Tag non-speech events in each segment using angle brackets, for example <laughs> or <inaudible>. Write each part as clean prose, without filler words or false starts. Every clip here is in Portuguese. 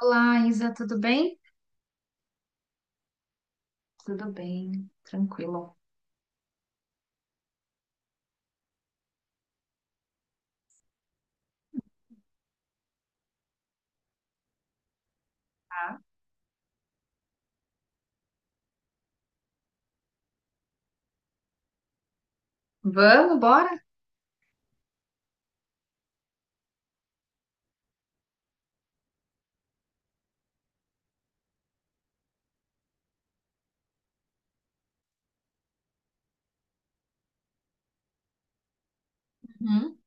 Olá, Isa, tudo bem? Tudo bem, tranquilo. Tá. Vamos, bora? Uhum.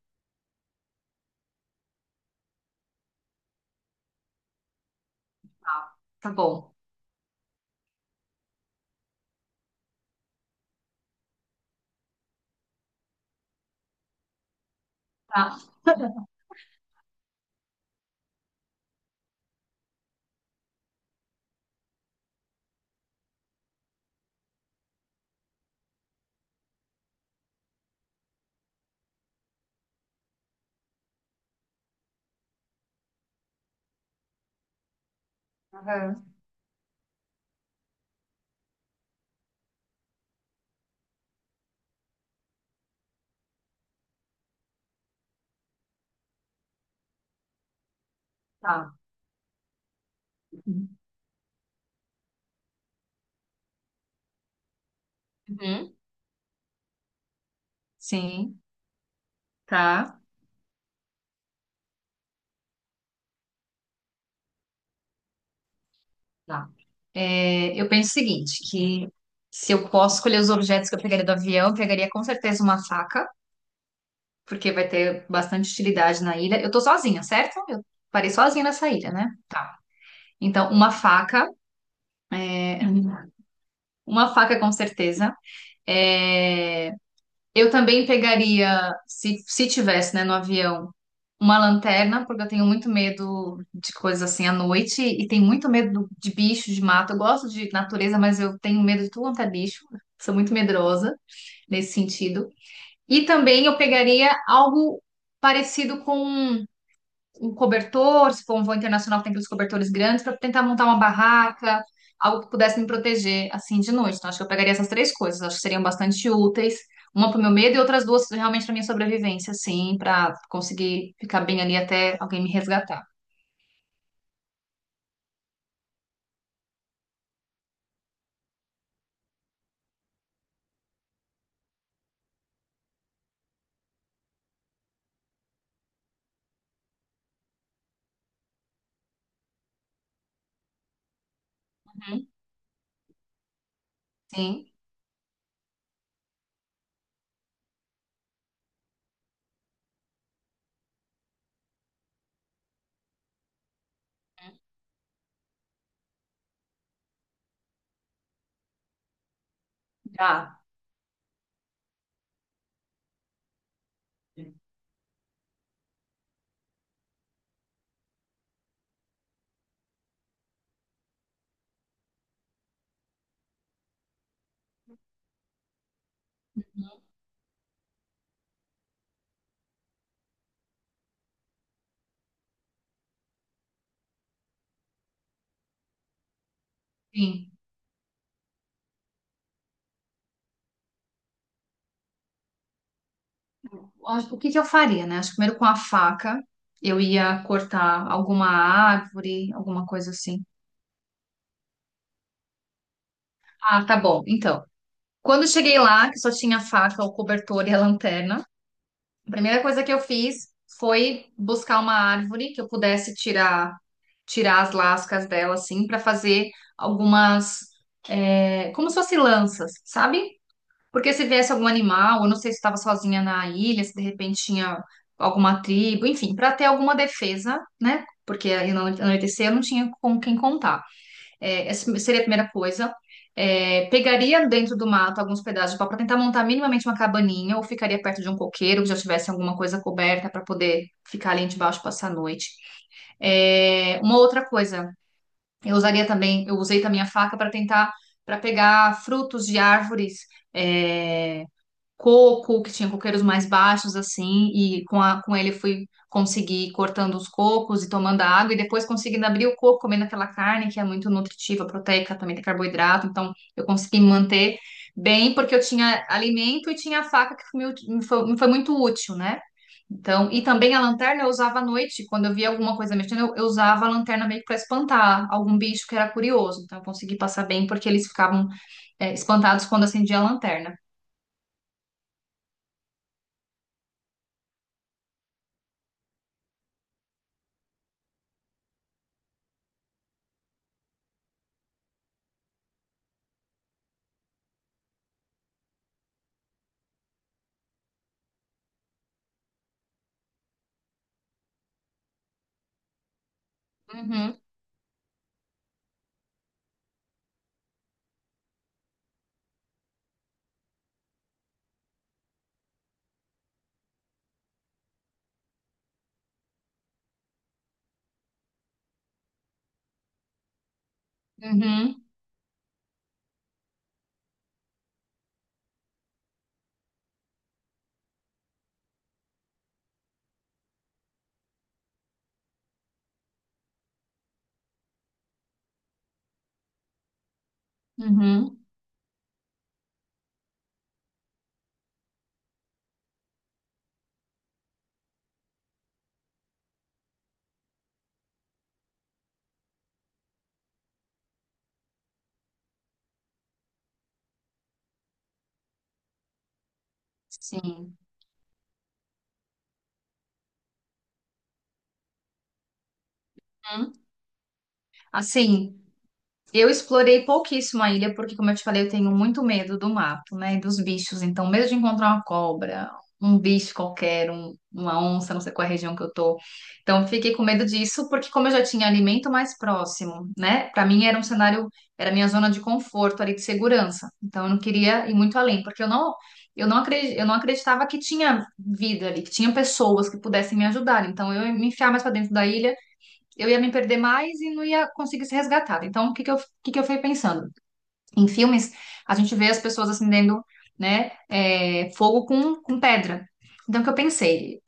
Tá, tá bom. Tá. Aham. Tá. Uhum. Uhum. Sim, tá. Tá. É, eu penso o seguinte, que se eu posso escolher os objetos que eu pegaria do avião, eu pegaria com certeza uma faca, porque vai ter bastante utilidade na ilha. Eu tô sozinha, certo? Eu parei sozinha nessa ilha, né? Tá. Então, uma faca, é, uma faca com certeza. É, eu também pegaria, se tivesse, né, no avião, uma lanterna, porque eu tenho muito medo de coisas assim à noite e tenho muito medo de bicho, de mato. Eu gosto de natureza, mas eu tenho medo de tudo quanto é bicho. Sou muito medrosa nesse sentido. E também eu pegaria algo parecido com um cobertor, se for um voo internacional, tem aqueles cobertores grandes, para tentar montar uma barraca, algo que pudesse me proteger assim de noite. Então, acho que eu pegaria essas três coisas, acho que seriam bastante úteis, uma para o meu medo e outras duas realmente para minha sobrevivência, assim, para conseguir ficar bem ali até alguém me resgatar. Uhum. Sim, já. Sim. O que que eu faria, né? Acho que primeiro com a faca eu ia cortar alguma árvore, alguma coisa assim. Ah, tá bom. Então, quando eu cheguei lá, que só tinha a faca, o cobertor e a lanterna, a primeira coisa que eu fiz foi buscar uma árvore que eu pudesse tirar as lascas dela assim para fazer algumas é, como se fossem lanças, sabe? Porque se viesse algum animal, eu não sei se estava sozinha na ilha, se de repente tinha alguma tribo, enfim, para ter alguma defesa, né? Porque aí no anoitecer eu não tinha com quem contar. É, essa seria a primeira coisa. É, pegaria dentro do mato alguns pedaços de pau para tentar montar minimamente uma cabaninha, ou ficaria perto de um coqueiro que já tivesse alguma coisa coberta para poder ficar ali debaixo e passar a noite. É, uma outra coisa, eu usaria também, eu usei também a faca para tentar, para pegar frutos de árvores é, coco, que tinha coqueiros mais baixos, assim, e com, a, com ele eu fui conseguir ir cortando os cocos e tomando a água, e depois conseguindo abrir o coco, comendo aquela carne que é muito nutritiva, proteica, também tem carboidrato, então eu consegui me manter bem, porque eu tinha alimento e tinha a faca que me foi muito útil, né? Então, e também a lanterna eu usava à noite, quando eu via alguma coisa mexendo, eu usava a lanterna meio que para espantar algum bicho que era curioso, então eu consegui passar bem, porque eles ficavam, é, espantados quando acendia a lanterna. Uhum, uhum. Uhum, sim. Uhum. Assim, eu explorei pouquíssimo a ilha, porque, como eu te falei, eu tenho muito medo do mato, né? E dos bichos. Então, medo de encontrar uma cobra, um bicho qualquer, uma onça, não sei qual é a região que eu tô. Então, eu fiquei com medo disso, porque, como eu já tinha alimento mais próximo, né? Para mim era um cenário, era a minha zona de conforto ali, de segurança. Então, eu não queria ir muito além, porque eu não. Eu não acreditava que tinha vida ali, que tinha pessoas que pudessem me ajudar. Então, eu ia me enfiar mais para dentro da ilha. Eu ia me perder mais e não ia conseguir ser resgatada. Então, o que que eu fui pensando? Em filmes, a gente vê as pessoas acendendo, né, é, fogo com pedra. Então, o que eu pensei?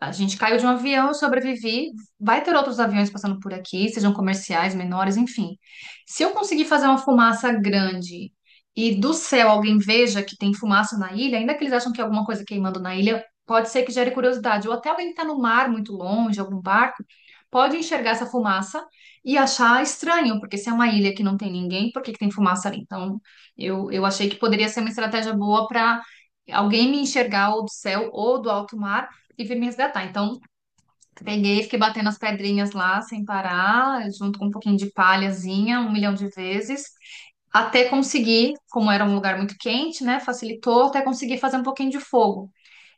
A gente caiu de um avião, eu sobrevivi. Vai ter outros aviões passando por aqui, sejam comerciais, menores, enfim. Se eu conseguir fazer uma fumaça grande e do céu alguém veja que tem fumaça na ilha, ainda que eles acham que é alguma coisa queimando na ilha, pode ser que gere curiosidade. Ou até alguém que está no mar muito longe, algum barco, pode enxergar essa fumaça e achar estranho, porque se é uma ilha que não tem ninguém, por que que tem fumaça ali? Então, eu achei que poderia ser uma estratégia boa para alguém me enxergar ou do céu ou do alto mar e veio me resgatar. Então, peguei, fiquei batendo as pedrinhas lá sem parar, junto com um pouquinho de palhazinha, um milhão de vezes, até conseguir, como era um lugar muito quente, né? Facilitou, até conseguir fazer um pouquinho de fogo.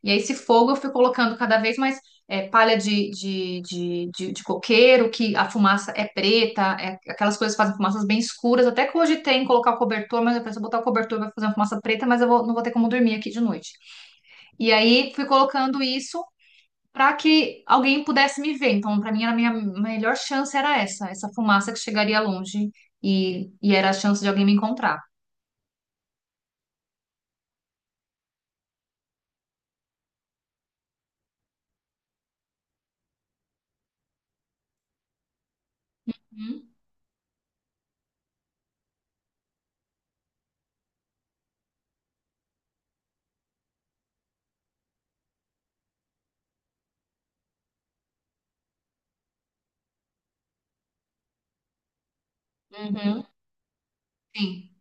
E aí, esse fogo eu fui colocando cada vez mais é, palha de coqueiro, que a fumaça é preta, é, aquelas coisas que fazem fumaças bem escuras. Até que hoje tem colocar o cobertor, mas eu penso, botar o cobertor vai fazer uma fumaça preta, mas não vou ter como dormir aqui de noite. E aí fui colocando isso para que alguém pudesse me ver. Então, para mim, era a minha melhor chance era essa, essa fumaça que chegaria longe e era a chance de alguém me encontrar. Uhum, uhum, sim,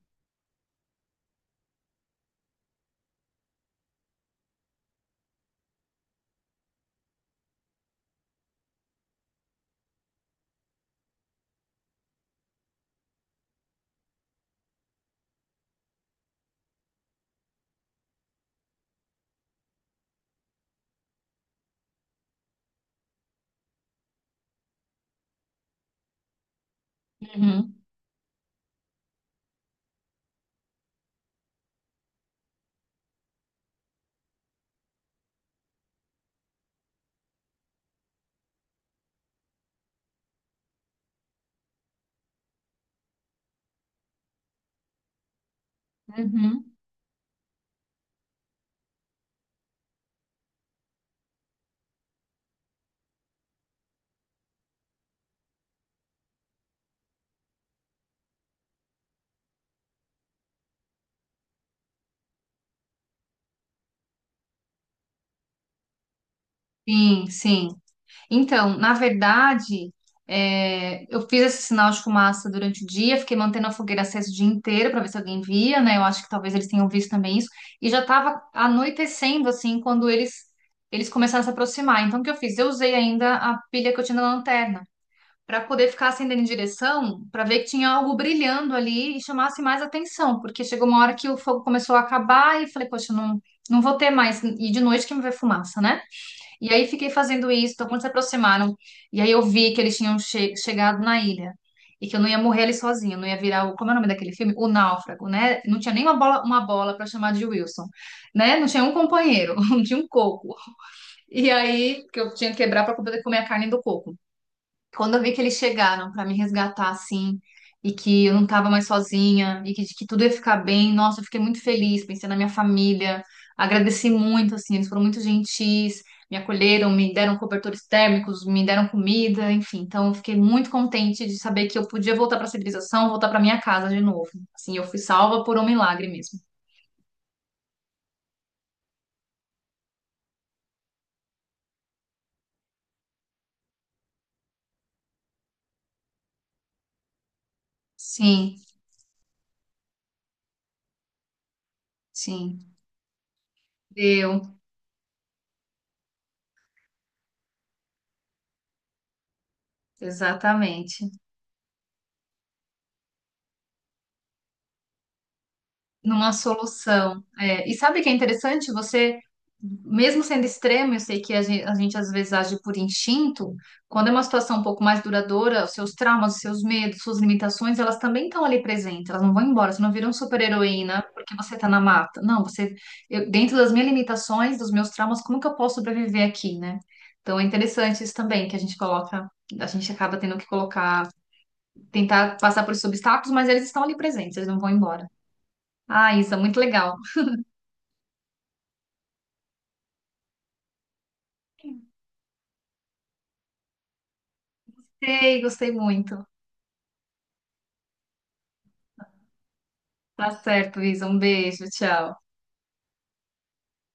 uhum, uhum, sim, sim. Então, na verdade, é, eu fiz esse sinal de fumaça durante o dia, fiquei mantendo a fogueira acesa o dia inteiro para ver se alguém via, né? Eu acho que talvez eles tenham visto também isso. E já estava anoitecendo, assim, quando eles começaram a se aproximar. Então, o que eu fiz? Eu usei ainda a pilha que eu tinha na lanterna, para poder ficar acendendo em direção, para ver que tinha algo brilhando ali e chamasse mais atenção, porque chegou uma hora que o fogo começou a acabar e falei, poxa, não, não vou ter mais. E de noite que me vê fumaça, né? E aí fiquei fazendo isso, então quando se aproximaram, e aí eu vi que eles tinham chegado na ilha. E que eu não ia morrer ali sozinha, não ia virar o, como é o nome daquele filme? O Náufrago, né? Não tinha nem uma bola, uma bola para chamar de Wilson, né? Não tinha um companheiro, <laughs> não tinha um coco. E aí que eu tinha que quebrar para poder comer a carne do coco. Quando eu vi que eles chegaram pra me resgatar assim, e que eu não tava mais sozinha, e que tudo ia ficar bem, nossa, eu fiquei muito feliz, pensei na minha família, agradeci muito, assim, eles foram muito gentis, me acolheram, me deram cobertores térmicos, me deram comida, enfim, então eu fiquei muito contente de saber que eu podia voltar pra civilização, voltar pra minha casa de novo. Assim, eu fui salva por um milagre mesmo. Sim, sim, deu, exatamente. Numa solução. É, e sabe o que é interessante? Você, mesmo sendo extremo, eu sei que a gente às vezes age por instinto, quando é uma situação um pouco mais duradoura, os seus traumas, os seus medos, suas limitações, elas também estão ali presentes, elas não vão embora, você não vira um super-heroína porque você tá na mata. Não, você, dentro das minhas limitações, dos meus traumas, como que eu posso sobreviver aqui, né? Então é interessante isso também, que a gente coloca, a gente acaba tendo que colocar, tentar passar por esses obstáculos, mas eles estão ali presentes, eles não vão embora. Ah, Isa, muito legal. Ei, gostei muito. Tá certo, Isa. Um beijo, tchau.